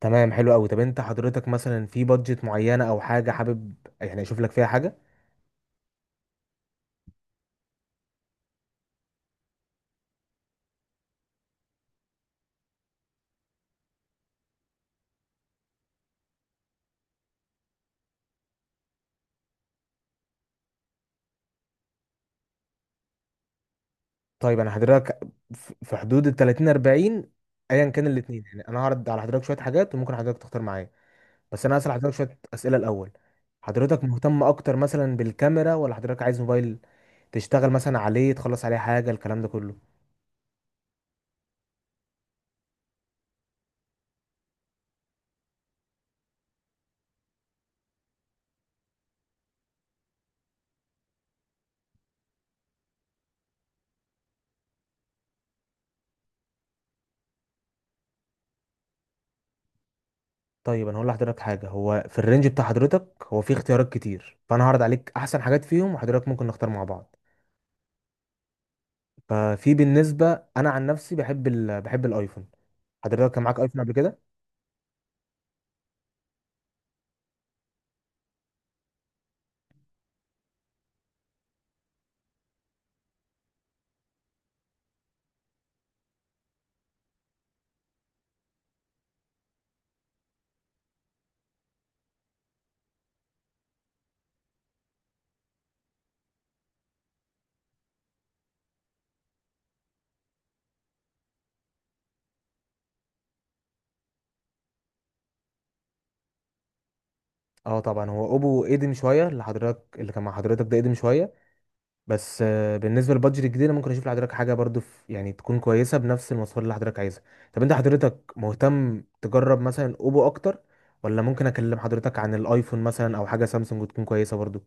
تمام، حلو قوي. طب انت حضرتك مثلا في بادجت معينه او حاجه حابب يعني اشوف لك فيها حاجه؟ طيب، انا حضرتك في حدود ال 30 40. ايا كان الاثنين، يعني انا هعرض على حضرتك شويه حاجات وممكن حضرتك تختار معايا. بس انا هسال حضرتك شويه اسئله الاول. حضرتك مهتم اكتر مثلا بالكاميرا ولا حضرتك عايز موبايل تشتغل مثلا عليه، تخلص عليه حاجه، الكلام ده كله؟ طيب، انا هقول لحضرتك حاجه. هو في الرينج بتاع حضرتك هو في اختيارات كتير، فانا هعرض عليك احسن حاجات فيهم وحضرتك ممكن نختار مع بعض. ففي بالنسبه انا عن نفسي بحب بحب الايفون. حضرتك كان معاك ايفون قبل كده؟ اه، طبعا. هو اوبو قديم شويه، اللي حضرتك اللي كان مع حضرتك ده قديم شويه. بس بالنسبه للبادجت الجديد، أنا ممكن اشوف لحضرتك حاجه برضو يعني تكون كويسه بنفس المواصفات اللي حضرتك عايزها. طب انت حضرتك مهتم تجرب مثلا اوبو اكتر، ولا ممكن اكلم حضرتك عن الايفون مثلا او حاجه سامسونج تكون كويسه برضو؟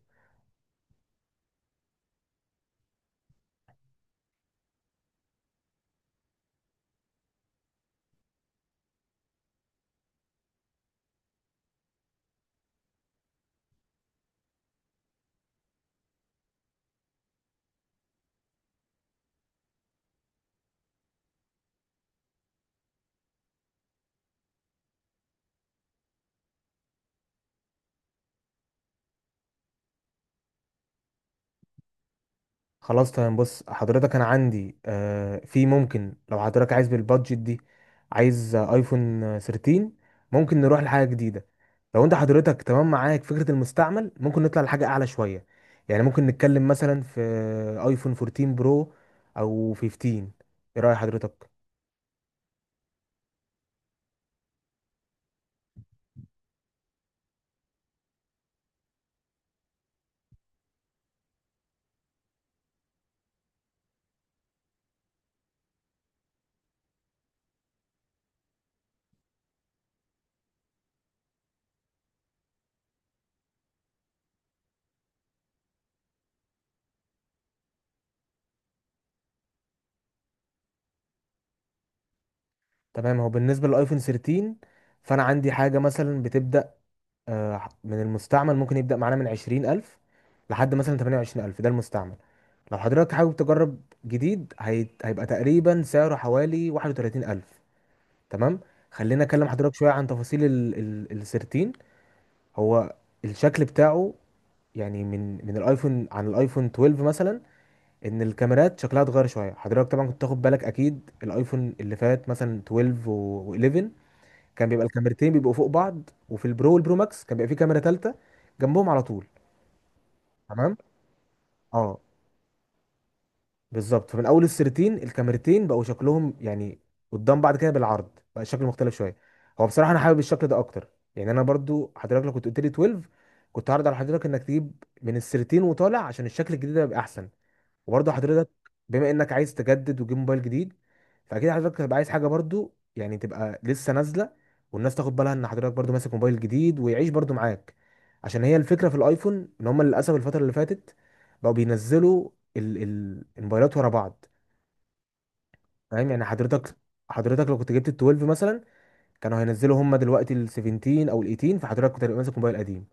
خلاص تمام. بص حضرتك انا عندي في، ممكن لو حضرتك عايز بالبادجت دي، عايز ايفون 13. ممكن نروح لحاجه جديده. لو انت حضرتك تمام معاك فكره المستعمل، ممكن نطلع لحاجه اعلى شويه. يعني ممكن نتكلم مثلا في ايفون 14 برو او 15. ايه راي حضرتك؟ تمام. هو بالنسبه للايفون 13 فانا عندي حاجه مثلا بتبدا من المستعمل. ممكن يبدأ معانا من 20 ألف لحد مثلا 28 ألف، ده المستعمل. لو حضرتك حابب تجرب جديد، هيبقى تقريبا سعره حوالي 31 ألف. تمام؟ خلينا أكلم حضرتك شوية عن تفاصيل السيرتين. هو الشكل بتاعه، يعني من الايفون عن الايفون 12 مثلا. ان الكاميرات شكلها اتغير شويه. حضرتك طبعا كنت تاخد بالك اكيد الايفون اللي فات مثلا 12 و11، كان بيبقى الكاميرتين بيبقوا فوق بعض. وفي البرو والبرو ماكس كان بيبقى في كاميرا ثالثه جنبهم على طول. تمام. اه، بالظبط. فمن اول السيرتين الكاميرتين بقوا شكلهم يعني قدام بعض كده بالعرض، بقى الشكل مختلف شويه. هو بصراحه انا حابب الشكل ده اكتر. يعني انا برضو، حضرتك لو كنت قلت لي 12، كنت هعرض على حضرتك انك تجيب من السيرتين وطالع عشان الشكل الجديد ده يبقى احسن. وبرضه حضرتك بما انك عايز تجدد وتجيب موبايل جديد، فاكيد حضرتك هتبقى عايز حاجه برضه يعني تبقى لسه نازله، والناس تاخد بالها ان حضرتك برضه ماسك موبايل جديد، ويعيش برضه معاك. عشان هي الفكره في الايفون ان هم للاسف الفتره اللي فاتت بقوا بينزلوا ال الموبايلات ورا بعض. فاهم يعني؟ حضرتك لو كنت جبت ال 12 مثلا، كانوا هينزلوا هم دلوقتي ال 17 او ال 18، فحضرتك كنت هتبقى ماسك موبايل قديم.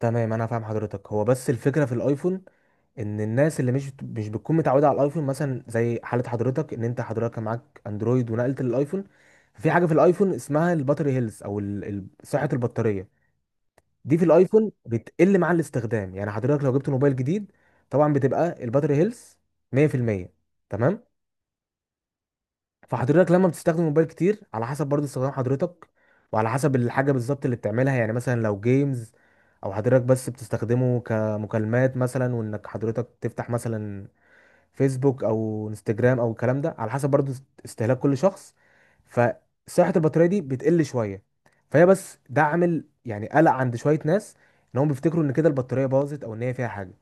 تمام. انا فاهم حضرتك. هو بس الفكره في الايفون، ان الناس اللي مش بتكون متعوده على الايفون مثلا زي حاله حضرتك، ان انت حضرتك كان معاك اندرويد ونقلت للايفون. في حاجه في الايفون اسمها الباتري هيلث او صحه البطاريه. دي في الايفون بتقل مع الاستخدام. يعني حضرتك لو جبت موبايل جديد، طبعا بتبقى الباتري هيلث 100%. تمام؟ فحضرتك لما بتستخدم موبايل كتير، على حسب برضه استخدام حضرتك وعلى حسب الحاجه بالظبط اللي بتعملها، يعني مثلا لو جيمز، او حضرتك بس بتستخدمه كمكالمات مثلا، وانك حضرتك تفتح مثلا فيسبوك او انستجرام او الكلام ده. على حسب برضو استهلاك كل شخص، فصحة البطارية دي بتقل شوية. فهي بس ده عامل يعني قلق عند شوية ناس، ان هم بيفتكروا ان كده البطارية باظت او ان هي فيها حاجة.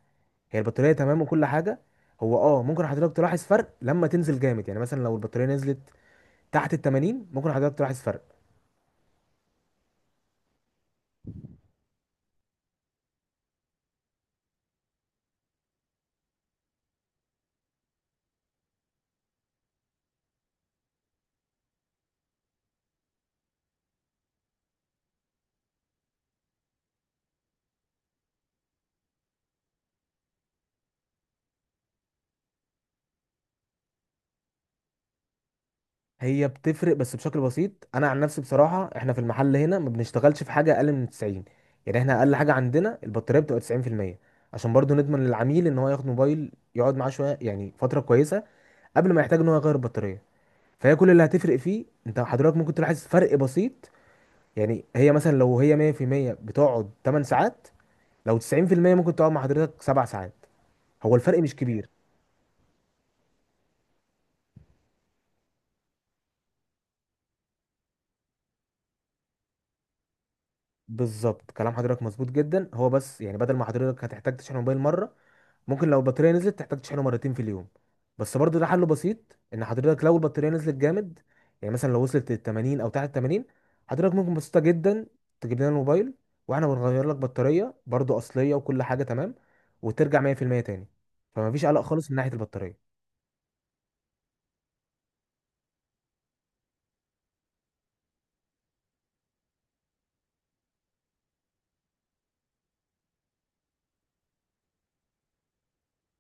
هي البطارية تمام وكل حاجة. هو اه ممكن حضرتك تلاحظ فرق لما تنزل جامد، يعني مثلا لو البطارية نزلت تحت ال 80 ممكن حضرتك تلاحظ فرق. هي بتفرق بس بشكل بسيط. انا عن نفسي بصراحه احنا في المحل هنا ما بنشتغلش في حاجه اقل من 90. يعني احنا اقل حاجه عندنا البطاريه بتبقى 90%، عشان برضو نضمن للعميل ان هو ياخد موبايل يقعد معاه شويه يعني فتره كويسه قبل ما يحتاج ان هو يغير البطاريه. فهي كل اللي هتفرق فيه انت حضرتك ممكن تلاحظ فرق بسيط. يعني هي مثلا لو هي 100% بتقعد 8 ساعات، لو 90% ممكن تقعد مع حضرتك 7 ساعات. هو الفرق مش كبير. بالظبط، كلام حضرتك مظبوط جدا. هو بس يعني بدل ما حضرتك هتحتاج تشحن الموبايل مره، ممكن لو البطاريه نزلت تحتاج تشحنه مرتين في اليوم. بس برضه ده حله بسيط. ان حضرتك لو البطاريه نزلت جامد، يعني مثلا لو وصلت ل 80 او تحت 80، حضرتك ممكن بسيطه جدا تجيب لنا الموبايل واحنا بنغير لك بطاريه برضه اصليه وكل حاجه تمام وترجع 100% تاني. فما فيش قلق خالص من ناحيه البطاريه.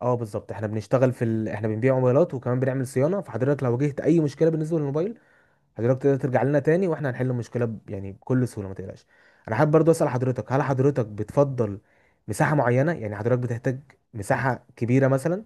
اه، بالظبط. احنا بنشتغل في احنا بنبيع موبايلات وكمان بنعمل صيانه. فحضرتك لو واجهت اي مشكله بالنسبه للموبايل، حضرتك تقدر ترجع لنا تاني واحنا هنحل المشكله يعني بكل سهوله، ما تقلقش. انا حابب برضو اسال حضرتك، هل حضرتك بتفضل مساحه معينه؟ يعني حضرتك بتحتاج مساحه كبيره مثلا؟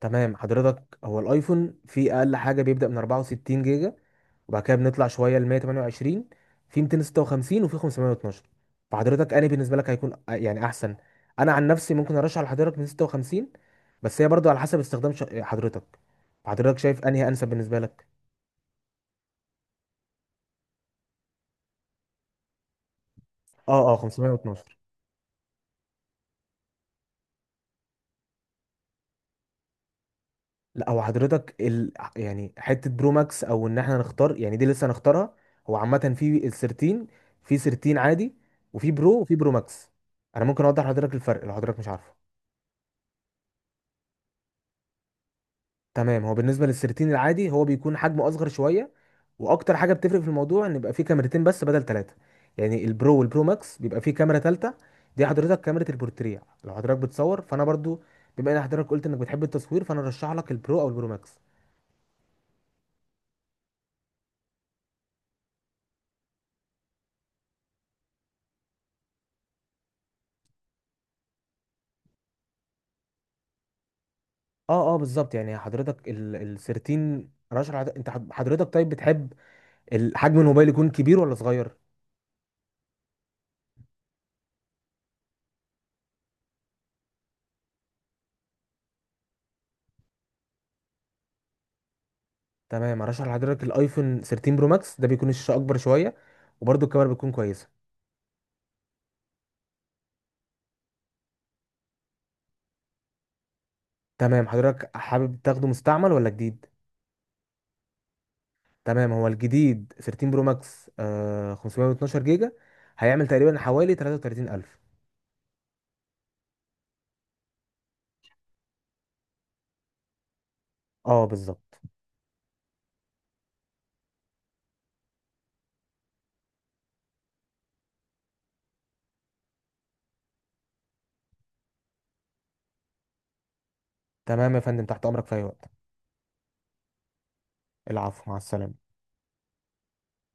تمام حضرتك. هو الايفون فيه اقل حاجه بيبدا من 64 جيجا، وبعد كده بنطلع شويه ل 128، في 256 وفي 512. فحضرتك انا بالنسبه لك هيكون يعني احسن. انا عن نفسي ممكن ارشح لحضرتك من 56. بس هي برضو على حسب استخدام حضرتك. حضرتك شايف انهي انسب بالنسبه لك؟ اه، اه، 512. لا، هو حضرتك يعني حته برو ماكس او ان احنا نختار، يعني دي لسه هنختارها. هو عامه في ال 13، في 13 عادي، وفي برو، وفي برو ماكس. انا ممكن اوضح لحضرتك الفرق لو حضرتك مش عارفه. تمام. هو بالنسبه لل 13 العادي هو بيكون حجمه اصغر شويه، واكتر حاجه بتفرق في الموضوع ان يبقى فيه كاميرتين بس بدل ثلاثه. يعني البرو والبرو ماكس بيبقى فيه كاميرا ثالثه، دي حضرتك كاميرا البورتريه. لو حضرتك بتصور، فانا برضو بما ان حضرتك قلت انك بتحب التصوير، فانا ارشح لك البرو او البرو ماكس. اه، اه، بالظبط. يعني حضرتك ال 13 رشح لحضرتك- انت حض- حضرتك طيب بتحب حجم الموبايل يكون كبير ولا صغير؟ تمام. هرشح لحضرتك الايفون 13 برو ماكس، ده بيكون الشاشه اكبر شويه وبرده الكاميرا بتكون كويسه. تمام. حضرتك حابب تاخده مستعمل ولا جديد؟ تمام. هو الجديد 13 برو ماكس 512 جيجا هيعمل تقريبا حوالي 33,000. اه، بالظبط. تمام يا فندم، تحت امرك في اي وقت. العفو، مع السلامه.